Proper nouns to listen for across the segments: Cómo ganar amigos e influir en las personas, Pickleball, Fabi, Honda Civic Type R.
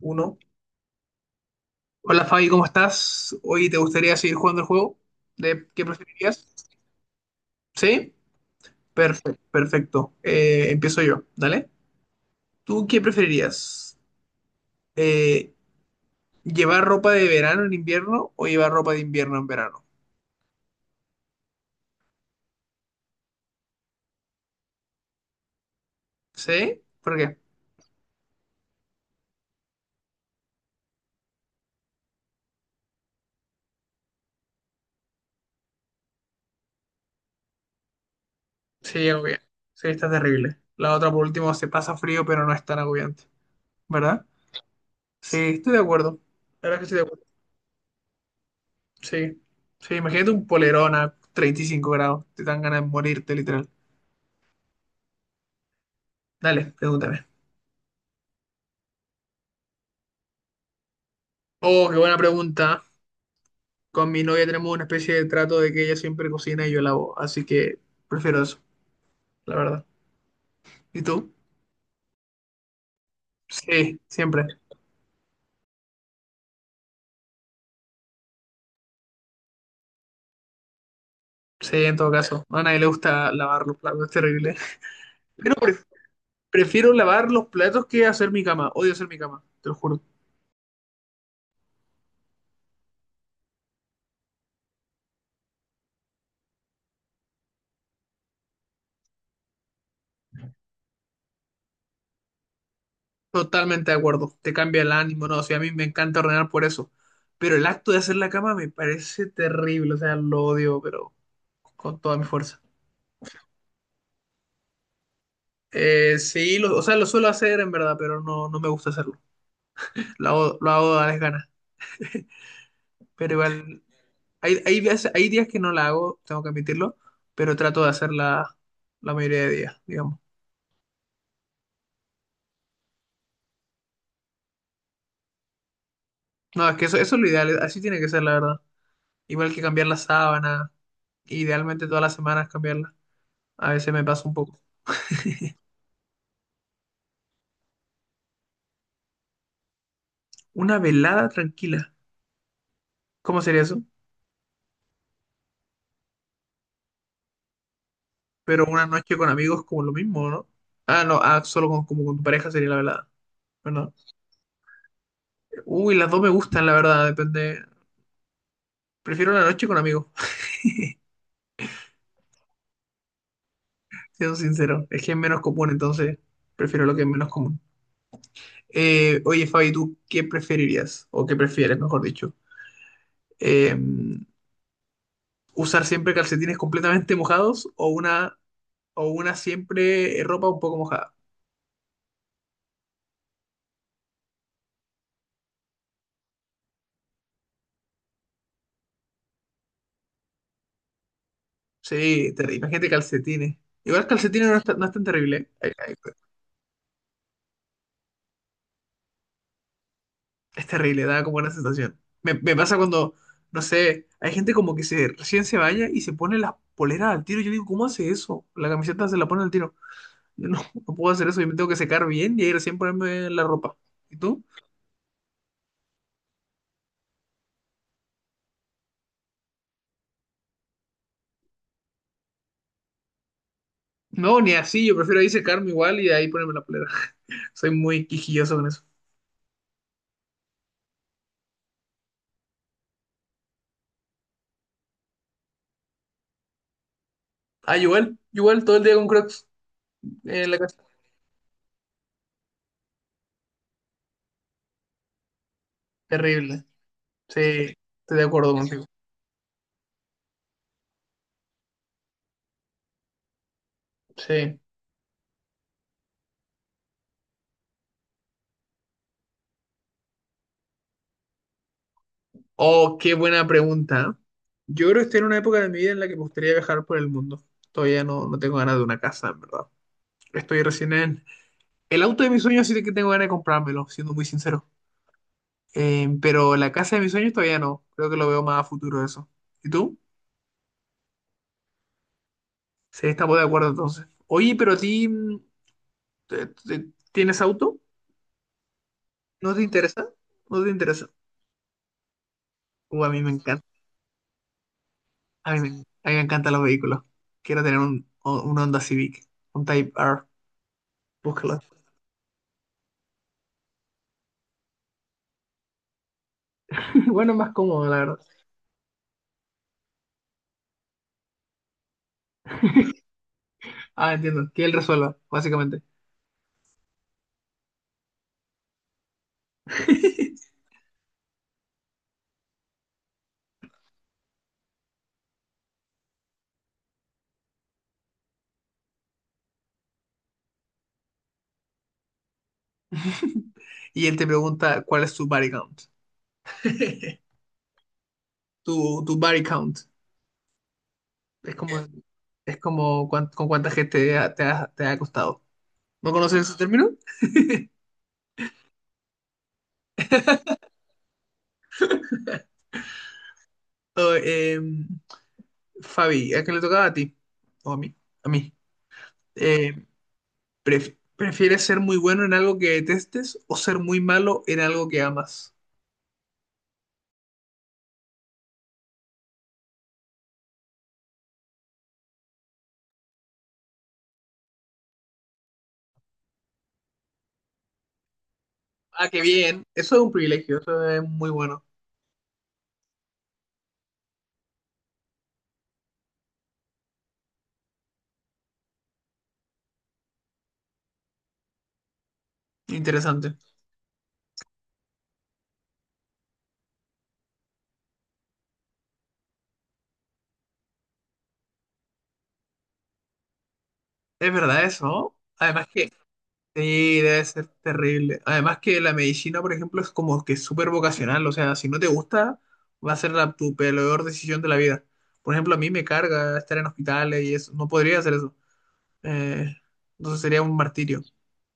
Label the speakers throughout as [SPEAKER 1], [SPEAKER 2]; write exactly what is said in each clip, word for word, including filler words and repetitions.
[SPEAKER 1] Uno. Hola Fabi, ¿cómo estás? Hoy te gustaría seguir jugando el juego. ¿De qué preferirías? ¿Sí? Perfecto, perfecto. Eh, empiezo yo, ¿dale? ¿Tú qué preferirías? Eh, ¿Llevar ropa de verano en invierno o llevar ropa de invierno en verano? ¿Sí? ¿Por qué? Sí, obvio. Sí, está terrible. La otra, por último, se pasa frío, pero no es tan agobiante, ¿verdad? Sí, estoy de acuerdo. La verdad es que estoy de acuerdo. Sí. Sí, imagínate un polerón a treinta y cinco grados. Te dan ganas de morirte, literal. Dale, pregúntame. Oh, qué buena pregunta. Con mi novia tenemos una especie de trato de que ella siempre cocina y yo lavo, así que prefiero eso, la verdad. ¿Y tú? Sí, siempre. Sí, en todo caso. A nadie le gusta lavar los platos, es terrible. Pero pre- Prefiero lavar los platos que hacer mi cama. Odio hacer mi cama, te lo juro. Totalmente de acuerdo. Te cambia el ánimo, no, o sea, a mí me encanta ordenar por eso. Pero el acto de hacer la cama me parece terrible, o sea, lo odio, pero con toda mi fuerza. Eh, sí, lo- o sea, lo suelo hacer en verdad, pero no, no me gusta hacerlo. Lo hago, lo hago a las ganas. Pero igual, hay, hay, veces- hay días que no la hago, tengo que admitirlo, pero trato de hacerla la mayoría de días, digamos. No, es que eso, eso es lo ideal, así tiene que ser, la verdad. Igual que cambiar la sábana, idealmente todas las semanas cambiarla. A veces me pasa un poco. Una velada tranquila, ¿cómo sería eso? Pero una noche con amigos como lo mismo, ¿no? Ah, no, ah, solo con, como con tu pareja sería la velada, ¿verdad? Uy, las dos me gustan, la verdad, depende. Prefiero la noche con amigos, siendo sincero. Es que es menos común, entonces prefiero lo que es menos común. Eh, oye, Fabi, ¿tú qué preferirías? O qué prefieres, mejor dicho. Eh, ¿Usar siempre calcetines completamente mojados o una, o una siempre ropa un poco mojada? Sí, te- imagínate calcetines. Igual calcetines no es, tan no es tan terrible, ¿eh? eh, Es terrible, da como una sensación. Me, me pasa cuando, no sé, hay gente como que se recién se baña y se pone las poleras al tiro. Yo digo, ¿cómo hace eso? La camiseta se la pone al tiro. Yo no, no puedo hacer eso, yo me tengo que secar bien y ahí recién ponerme la ropa. ¿Y tú? No, ni así, yo prefiero ahí secarme igual y de ahí ponerme la polera. Soy muy quisquilloso con eso. Ah, igual, igual todo el día con Crocs en la casa. Terrible. Sí, estoy de acuerdo contigo. Sí. Oh, qué buena pregunta. Yo creo que estoy en una época de mi vida en la que me gustaría viajar por el mundo. Todavía no, No tengo ganas de una casa, en verdad. Estoy recién en... El auto de mis sueños sí que tengo ganas de comprármelo, siendo muy sincero. Eh, pero la casa de mis sueños todavía no. Creo que lo veo más a futuro eso. ¿Y tú? Sí, estamos de acuerdo entonces. Oye, pero a ti, mm, te- te- ¿tienes auto? ¿No te interesa? ¿No te interesa? Uh, a mí me encanta. A mí me, a mí me encantan los vehículos. Quiero tener un, un Honda Civic, un Type R. Búscalo. Bueno, más cómodo, la verdad. Ah, entiendo. Que él resuelva, básicamente. Y él te pregunta cuál es tu body count. Tu, tu body count. Es como, es como cuán- con cuánta gente ha- te ha, te ha costado. ¿No conoces ese término? Oh, em, Fabi, ¿a qué le tocaba a ti? O a mí. A mí. Em, pref- ¿prefieres ser muy bueno en algo que detestes o ser muy malo en algo que amas? Ah, qué bien. Eso es un privilegio. Eso es muy bueno. Interesante. Es verdad eso. Además que sí, debe ser terrible. Además que la medicina, por ejemplo, es como que súper vocacional. O sea, si no te gusta, va a ser la, tu peor decisión de la vida. Por ejemplo, a mí me carga estar en hospitales y eso. No podría hacer eso. Eh, entonces sería un martirio.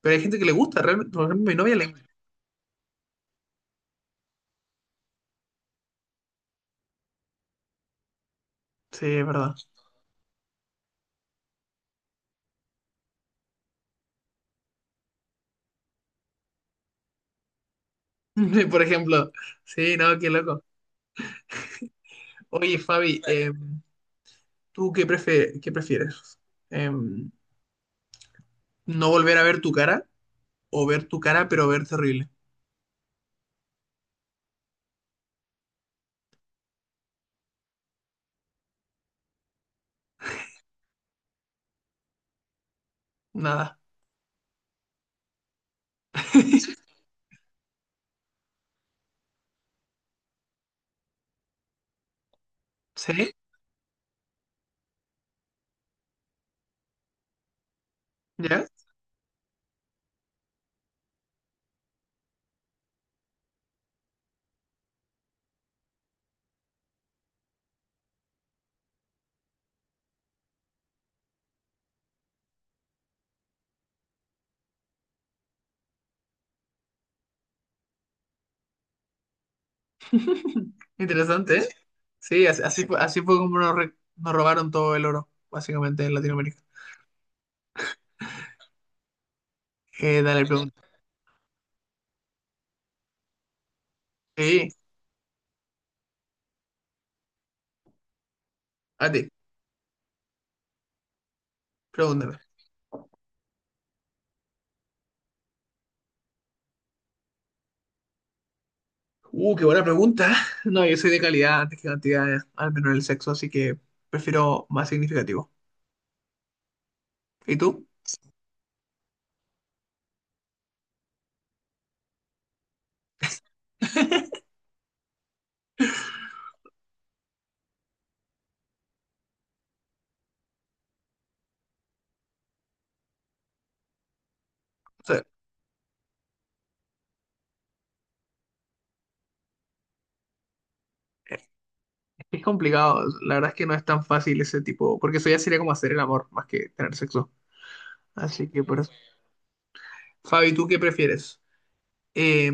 [SPEAKER 1] Pero hay gente que le gusta, realmente. Por ejemplo, mi novia le... Sí, es verdad. Por ejemplo. Sí, no, qué loco. Oye, Fabi, eh, ¿tú qué prefe- ¿qué prefieres? Em, ¿no volver a ver tu cara o ver tu cara pero ver terrible? Nada. ¿Sí? ¿Ya? Interesante, ¿eh? Sí, así, así fue, así fue como nos, re- nos robaron todo el oro, básicamente, en Latinoamérica. Eh, dale, pregunta. Sí, a ti, pregúntame. Uh, qué buena pregunta. No, yo soy de calidad antes que cantidad, eh, al menos en el sexo, así que prefiero más significativo. ¿Y tú? O sea, es complicado, la verdad es que no es tan fácil ese tipo, porque eso ya sería como hacer el amor más que tener sexo. Así que por eso. Fabi, ¿tú qué prefieres? eh,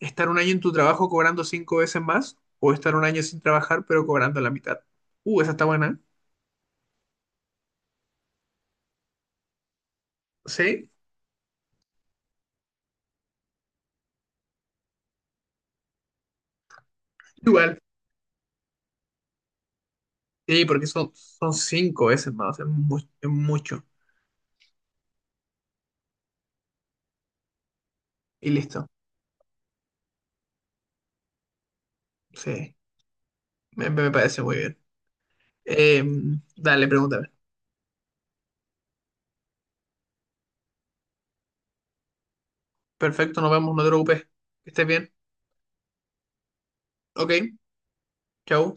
[SPEAKER 1] estar un año en tu trabajo cobrando cinco veces más o estar un año sin trabajar pero cobrando la mitad. Uh, esa está buena. ¿Eh? Sí, igual. Sí, porque son, son cinco veces más, o sea, es mu- es mucho. Y listo. Sí, me, me parece muy bien. Eh, Dale, pregúntame. Perfecto, nos vemos, no te preocupes. Que estés bien. Ok, chau.